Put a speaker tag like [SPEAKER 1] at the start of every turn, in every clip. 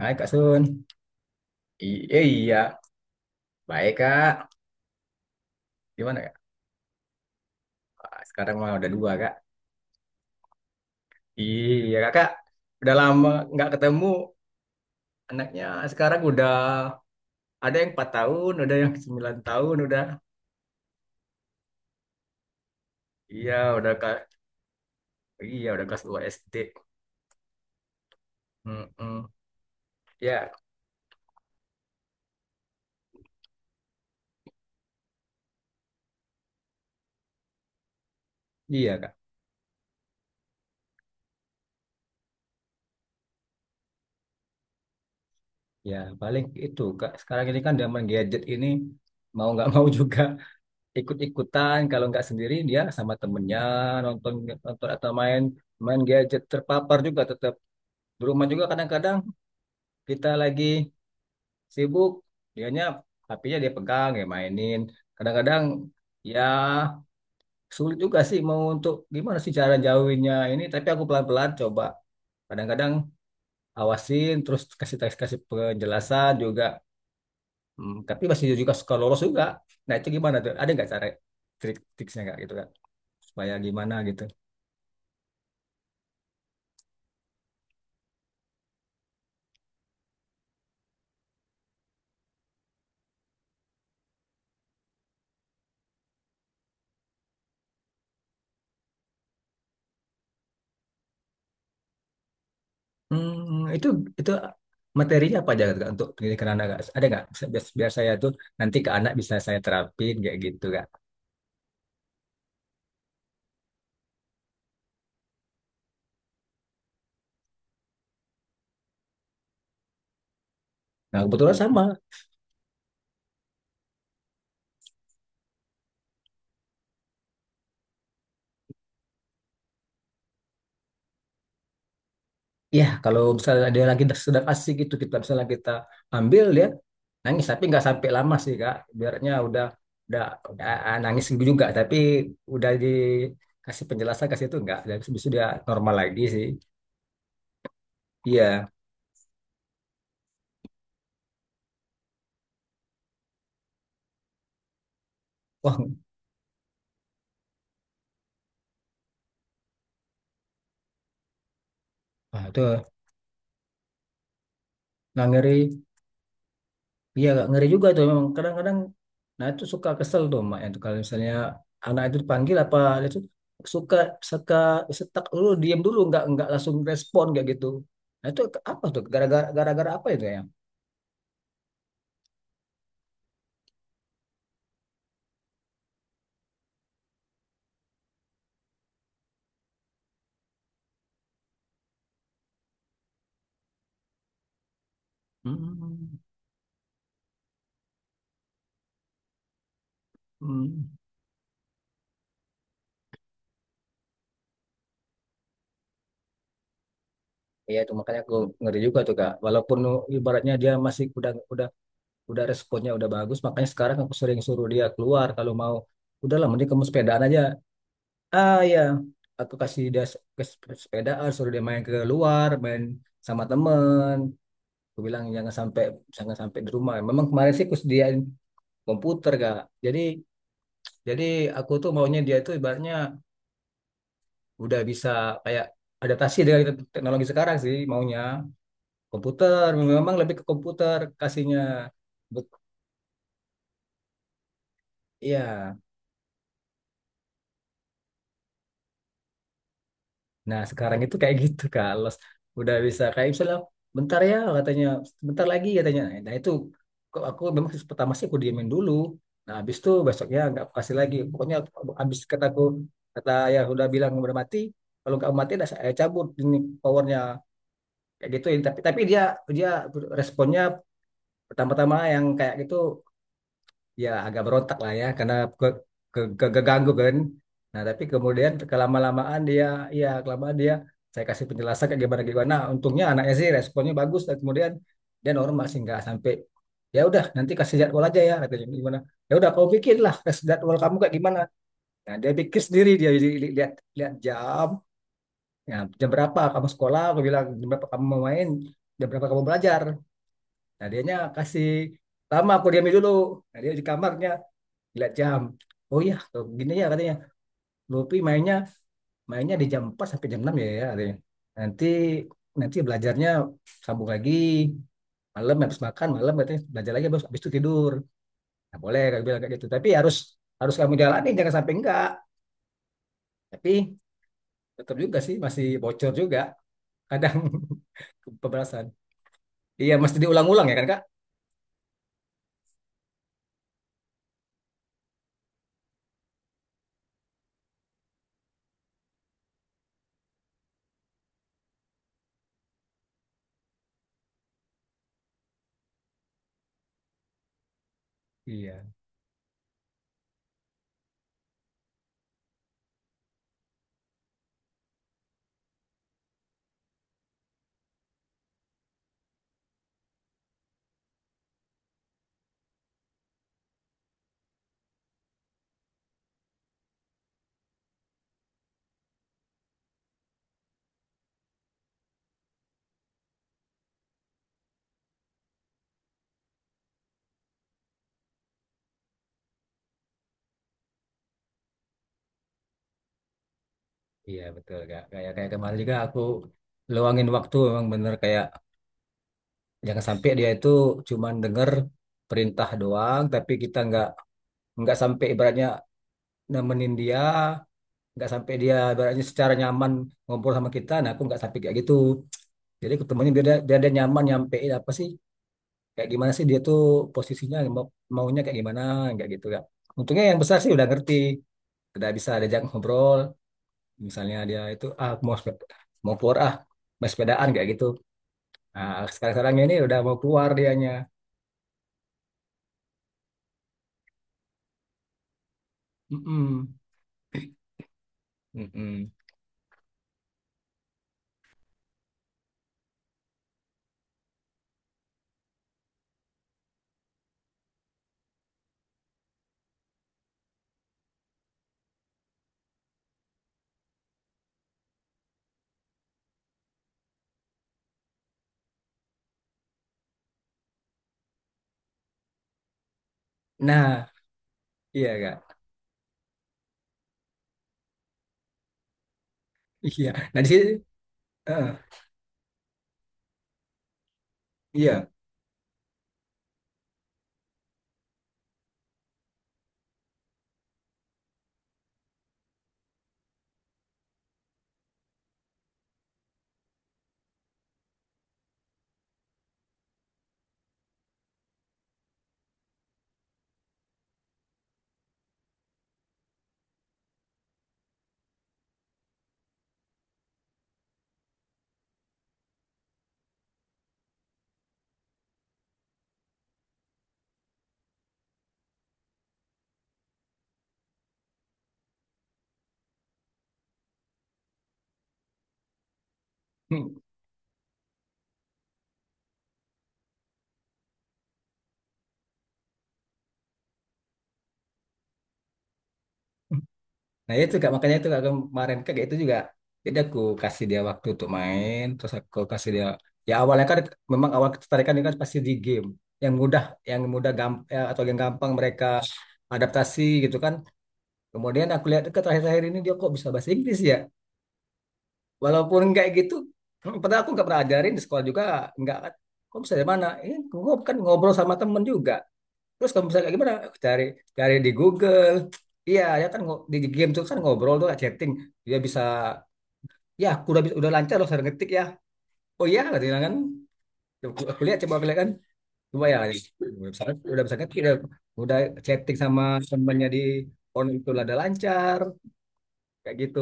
[SPEAKER 1] Hai Kak Sun. Iya, baik Kak. Gimana Kak? Wah, sekarang mah udah dua Kak. Iya Kakak, udah lama nggak ketemu. Anaknya sekarang udah ada yang 4 tahun, ada yang 9 tahun udah. Iya, udah Kak. Iya, udah kelas 2 SD. Mm-mm. Ya, iya Kak. Ya, paling itu Kak. Sekarang ini kan zaman gadget ini mau nggak mau juga ikut-ikutan. Kalau nggak sendiri dia sama temennya nonton nonton atau main main gadget terpapar juga. Di rumah juga kadang-kadang kita lagi sibuk, dianya HPnya dia pegang ya mainin. Kadang-kadang ya sulit juga sih mau untuk gimana sih cara jauhinnya ini. Tapi aku pelan-pelan coba. Kadang-kadang awasin terus kasih teks kasih penjelasan juga. Hmm, tapi masih juga suka lolos juga. Nah itu gimana tuh? Ada nggak cara trik-triksnya nggak gitu kan? Supaya gimana gitu? Hmm, itu materinya apa aja Kak, untuk pendidikan anak Kak? Ada nggak biar saya tuh nanti ke anak bisa saya terapin kayak gitu Kak. Nah kebetulan sama. Ya kalau misalnya dia lagi sedang asik gitu kita misalnya kita ambil, dia nangis tapi nggak sampai lama sih Kak. Biarnya udah udah, udah nangis juga tapi udah dikasih penjelasan kasih itu nggak. Dan habis itu dia normal lagi sih. Iya. Wah, wah, itu nah, ngeri. Iya, agak ngeri juga tuh memang kadang-kadang. Nah itu suka kesel tuh mak itu kalau misalnya anak itu dipanggil, apa itu suka suka setak dulu diam dulu nggak langsung respon kayak gitu. Nah itu apa tuh, gara-gara apa itu ya? Hmm. Hmm. Iya itu makanya aku ngeri juga tuh kak. Walaupun ibaratnya dia masih udah responnya udah bagus, makanya sekarang aku sering suruh dia keluar kalau mau. Udahlah, mending kamu sepedaan aja. Ah ya, aku kasih dia sepedaan, suruh dia main keluar, main sama temen. Aku bilang jangan sampai di rumah. Memang kemarin sih aku sediain komputer kak. Jadi jadi aku tuh maunya dia tuh ibaratnya udah bisa kayak adaptasi dengan teknologi sekarang sih, maunya komputer. Memang lebih ke komputer kasihnya. Be- Iya. Nah, sekarang itu kayak gitu, Kak. Los udah bisa kayak misalnya bentar ya katanya, bentar lagi katanya. Nah, itu kok aku memang pertama sih aku diemin dulu. Nah, habis itu besoknya nggak aku kasih lagi. Pokoknya habis kataku kata ya udah bilang udah mati. Kalau nggak mati dah saya cabut ini powernya kayak gitu. Tapi dia dia responnya pertama-tama yang kayak gitu ya agak berontak lah ya, karena ke, keganggu kan. Nah, tapi kemudian kelama-lamaan dia, ya kelamaan dia saya kasih penjelasan kayak gimana gimana. Nah, untungnya anaknya sih responnya bagus dan kemudian dia normal sih, nggak sampai. Ya udah nanti kasih jadwal aja ya katanya gimana. Ya udah kau pikirlah kasih jadwal kamu kayak gimana. Nah, dia pikir sendiri, dia lihat lihat jam. Nah, jam berapa kamu sekolah? Aku bilang jam berapa kamu mau main? Jam berapa kamu belajar? Nah, dianya kasih lama, aku diamin dulu. Nah, dia di kamarnya lihat jam, oh iya tuh, gini ya katanya, Luffy mainnya mainnya di jam 4 sampai jam 6 ya ya katanya, nanti nanti belajarnya sambung lagi malam habis makan malam katanya, belajar lagi, habis itu tidur. Nah, boleh kayak bilang kayak gitu tapi harus harus kamu jalani jangan sampai enggak, tapi tetap juga sih masih bocor juga kadang. Pembalasan iya, mesti diulang-ulang ya kan kak, iya iya betul kak, kayak kayak kemarin juga aku luangin waktu memang bener kayak jangan sampai dia itu cuman denger perintah doang, tapi kita nggak sampai ibaratnya nemenin dia, nggak sampai dia ibaratnya secara nyaman ngobrol sama kita. Nah, aku nggak sampai kayak gitu. Jadi ketemunya biar dia nyaman nyampein apa sih, kayak gimana sih dia tuh posisinya maunya kayak gimana, nggak gitu ya. Untungnya yang besar sih udah ngerti, udah bisa diajak ngobrol. Misalnya dia itu mau keluar ah, mau sepedaan kayak gitu. Nah, sekarang-sekarang ini udah mau keluar dianya. Mm-mm. Mm-mm. Nah, iya kak. Iya. Nah di sini, heeh, iya. Hmm. Nah itu kak, makanya itu kak, kemarin kak itu juga. Jadi aku kasih dia waktu untuk main, terus aku kasih dia. Ya awalnya kan memang awal ketertarikan ini kan pasti di game yang mudah, yang mudah gamp ya, atau yang gampang mereka adaptasi gitu kan. Kemudian aku lihat ke terakhir-terakhir ini dia kok bisa bahasa Inggris ya. Walaupun kayak gitu, padahal aku nggak pernah ajarin, di sekolah juga nggak. Kok bisa dari mana? Ini kok kan ngobrol sama temen juga. Terus kalau misalnya kayak gimana? Cari cari di Google. Iya, ya kan di game tuh kan ngobrol tuh chatting. Dia bisa, ya aku udah lancar loh saya ngetik ya. Oh iya kata dia kan. Coba aku lihat, coba aku lihat kan. Coba ya. Udah bisa, udah bisa ngetik udah chatting sama temannya di online itu udah lancar kayak gitu,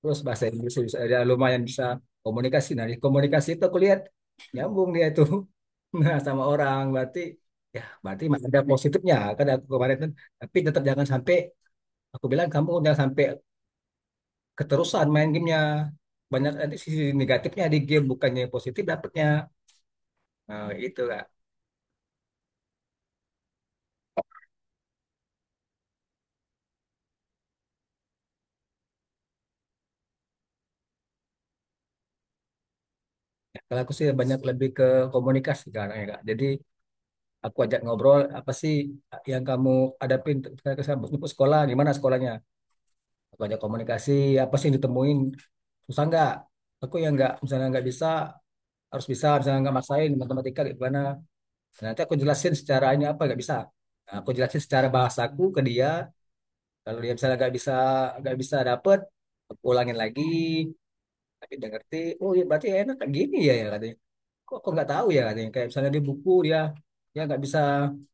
[SPEAKER 1] terus bahasa Inggris bisa, ya lumayan bisa komunikasi. Nah di komunikasi itu aku lihat nyambung dia itu. Nah sama orang berarti, ya berarti masih ada positifnya kan. Aku kemarin kan, tapi tetap jangan sampai, aku bilang kamu jangan sampai keterusan main gamenya, banyak nanti sisi negatifnya di game bukannya yang positif dapatnya. Nah, itu kak. Ya, kalau aku sih banyak lebih ke komunikasi sekarang ya kak, jadi aku ajak ngobrol apa sih yang kamu hadapin ketika ke sekolah, gimana sekolahnya. Aku ajak komunikasi apa sih yang ditemuin, susah nggak, aku yang nggak, misalnya nggak bisa harus bisa, misalnya nggak maksain matematika kayak gimana. Nah, nanti aku jelasin secara ini apa nggak bisa. Nah, aku jelasin secara bahasaku ke dia kalau dia misalnya nggak bisa dapet, aku ulangin lagi tapi dia ngerti. Oh iya berarti enak kayak gini ya, ya katanya. Kok aku nggak tahu ya katanya, kayak misalnya di buku dia dia nggak bisa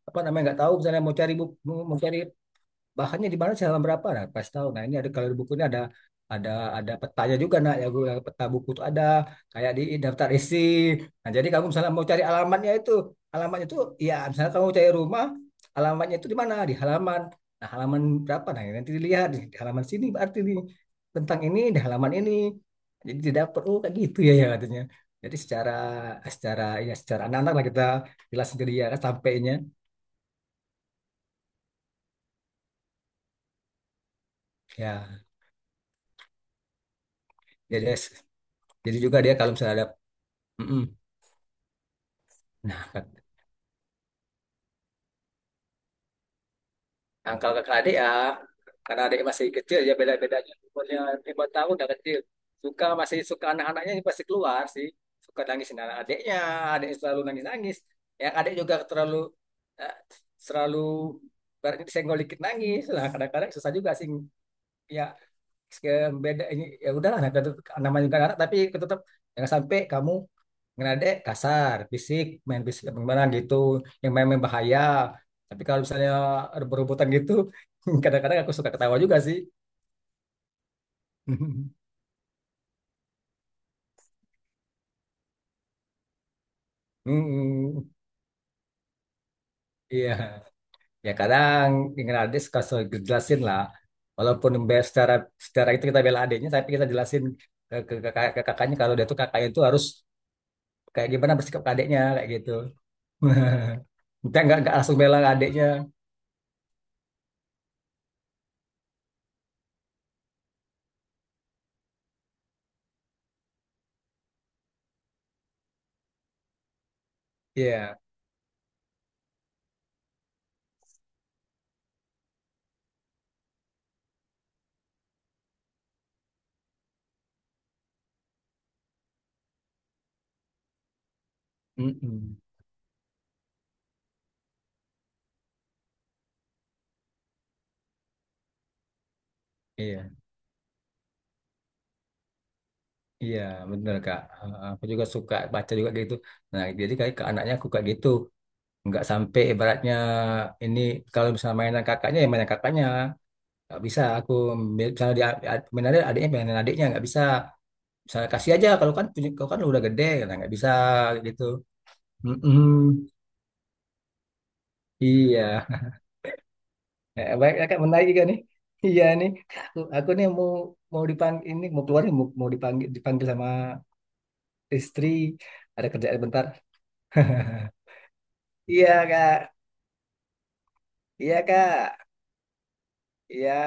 [SPEAKER 1] apa namanya, nggak tahu misalnya mau cari buku, mau cari bahannya di mana sih halaman berapa. Nah pas tahu, nah ini ada, kalau di buku ini ada, ada ada petanya juga nak ya, gue peta buku tuh ada, kayak di daftar isi. Nah jadi kamu misalnya mau cari alamatnya itu ya, misalnya kamu cari rumah alamatnya itu di mana, di halaman nah halaman berapa, nah nanti dilihat di halaman sini berarti di tentang ini di halaman ini, jadi tidak perlu kayak gitu ya, ya katanya. Jadi secara secara ya secara anak-anak lah kita jelasin ke dia kan sampainya. Ya jadi jadi juga dia kalau misalnya ada. Mm-mm. Nah, nah, kalau kakak adik ya, karena adik masih kecil ya, beda-bedanya umurnya 5 tahun udah kecil. Suka masih suka anak-anaknya ini pasti keluar sih. Suka nangisin anak adiknya, adik selalu nangis-nangis. Yang adik juga terlalu eh, selalu, berarti disenggol dikit nangis. Lah kadang-kadang susah juga sih, ya beda ini, ya udahlah nah, namanya juga anak, tapi tetap jangan sampai kamu ngerade kasar, fisik, main fisik gimana gitu, yang main-main bahaya. Tapi kalau misalnya rebut-rebutan gitu, kadang-kadang aku suka ketawa juga sih. Hmm, iya. Ya kadang ngerade suka suka jelasin lah. Walaupun secara secara itu kita bela adiknya, tapi kita jelasin ke kakaknya kalau dia tuh kakaknya itu harus kayak gimana bersikap ke adiknya kayak gitu. Kita nggak langsung bela adiknya. Iya. Mm-mm. Iya. Iya, bener Kak. Aku juga suka baca juga kayak gitu. Nah, jadi kayak ke anaknya aku kayak gitu. Nggak sampai ibaratnya ini, kalau misalnya mainan kakaknya ya mainan kakaknya. Nggak bisa aku misalnya dia mainan adiknya adiknya mainan adiknya nggak bisa. Misalnya kasih aja kalau kan punya kau kan udah gede, nah, nggak bisa gitu. Mm-mm. Iya. Eh, baik Kak, menarik juga nih. Iya nih. Aku nih mau mau dipanggil ini, mau keluar nih, mau dipanggil dipanggil sama istri. Ada kerjaan bentar. Iya, Kak. Iya kak, iya.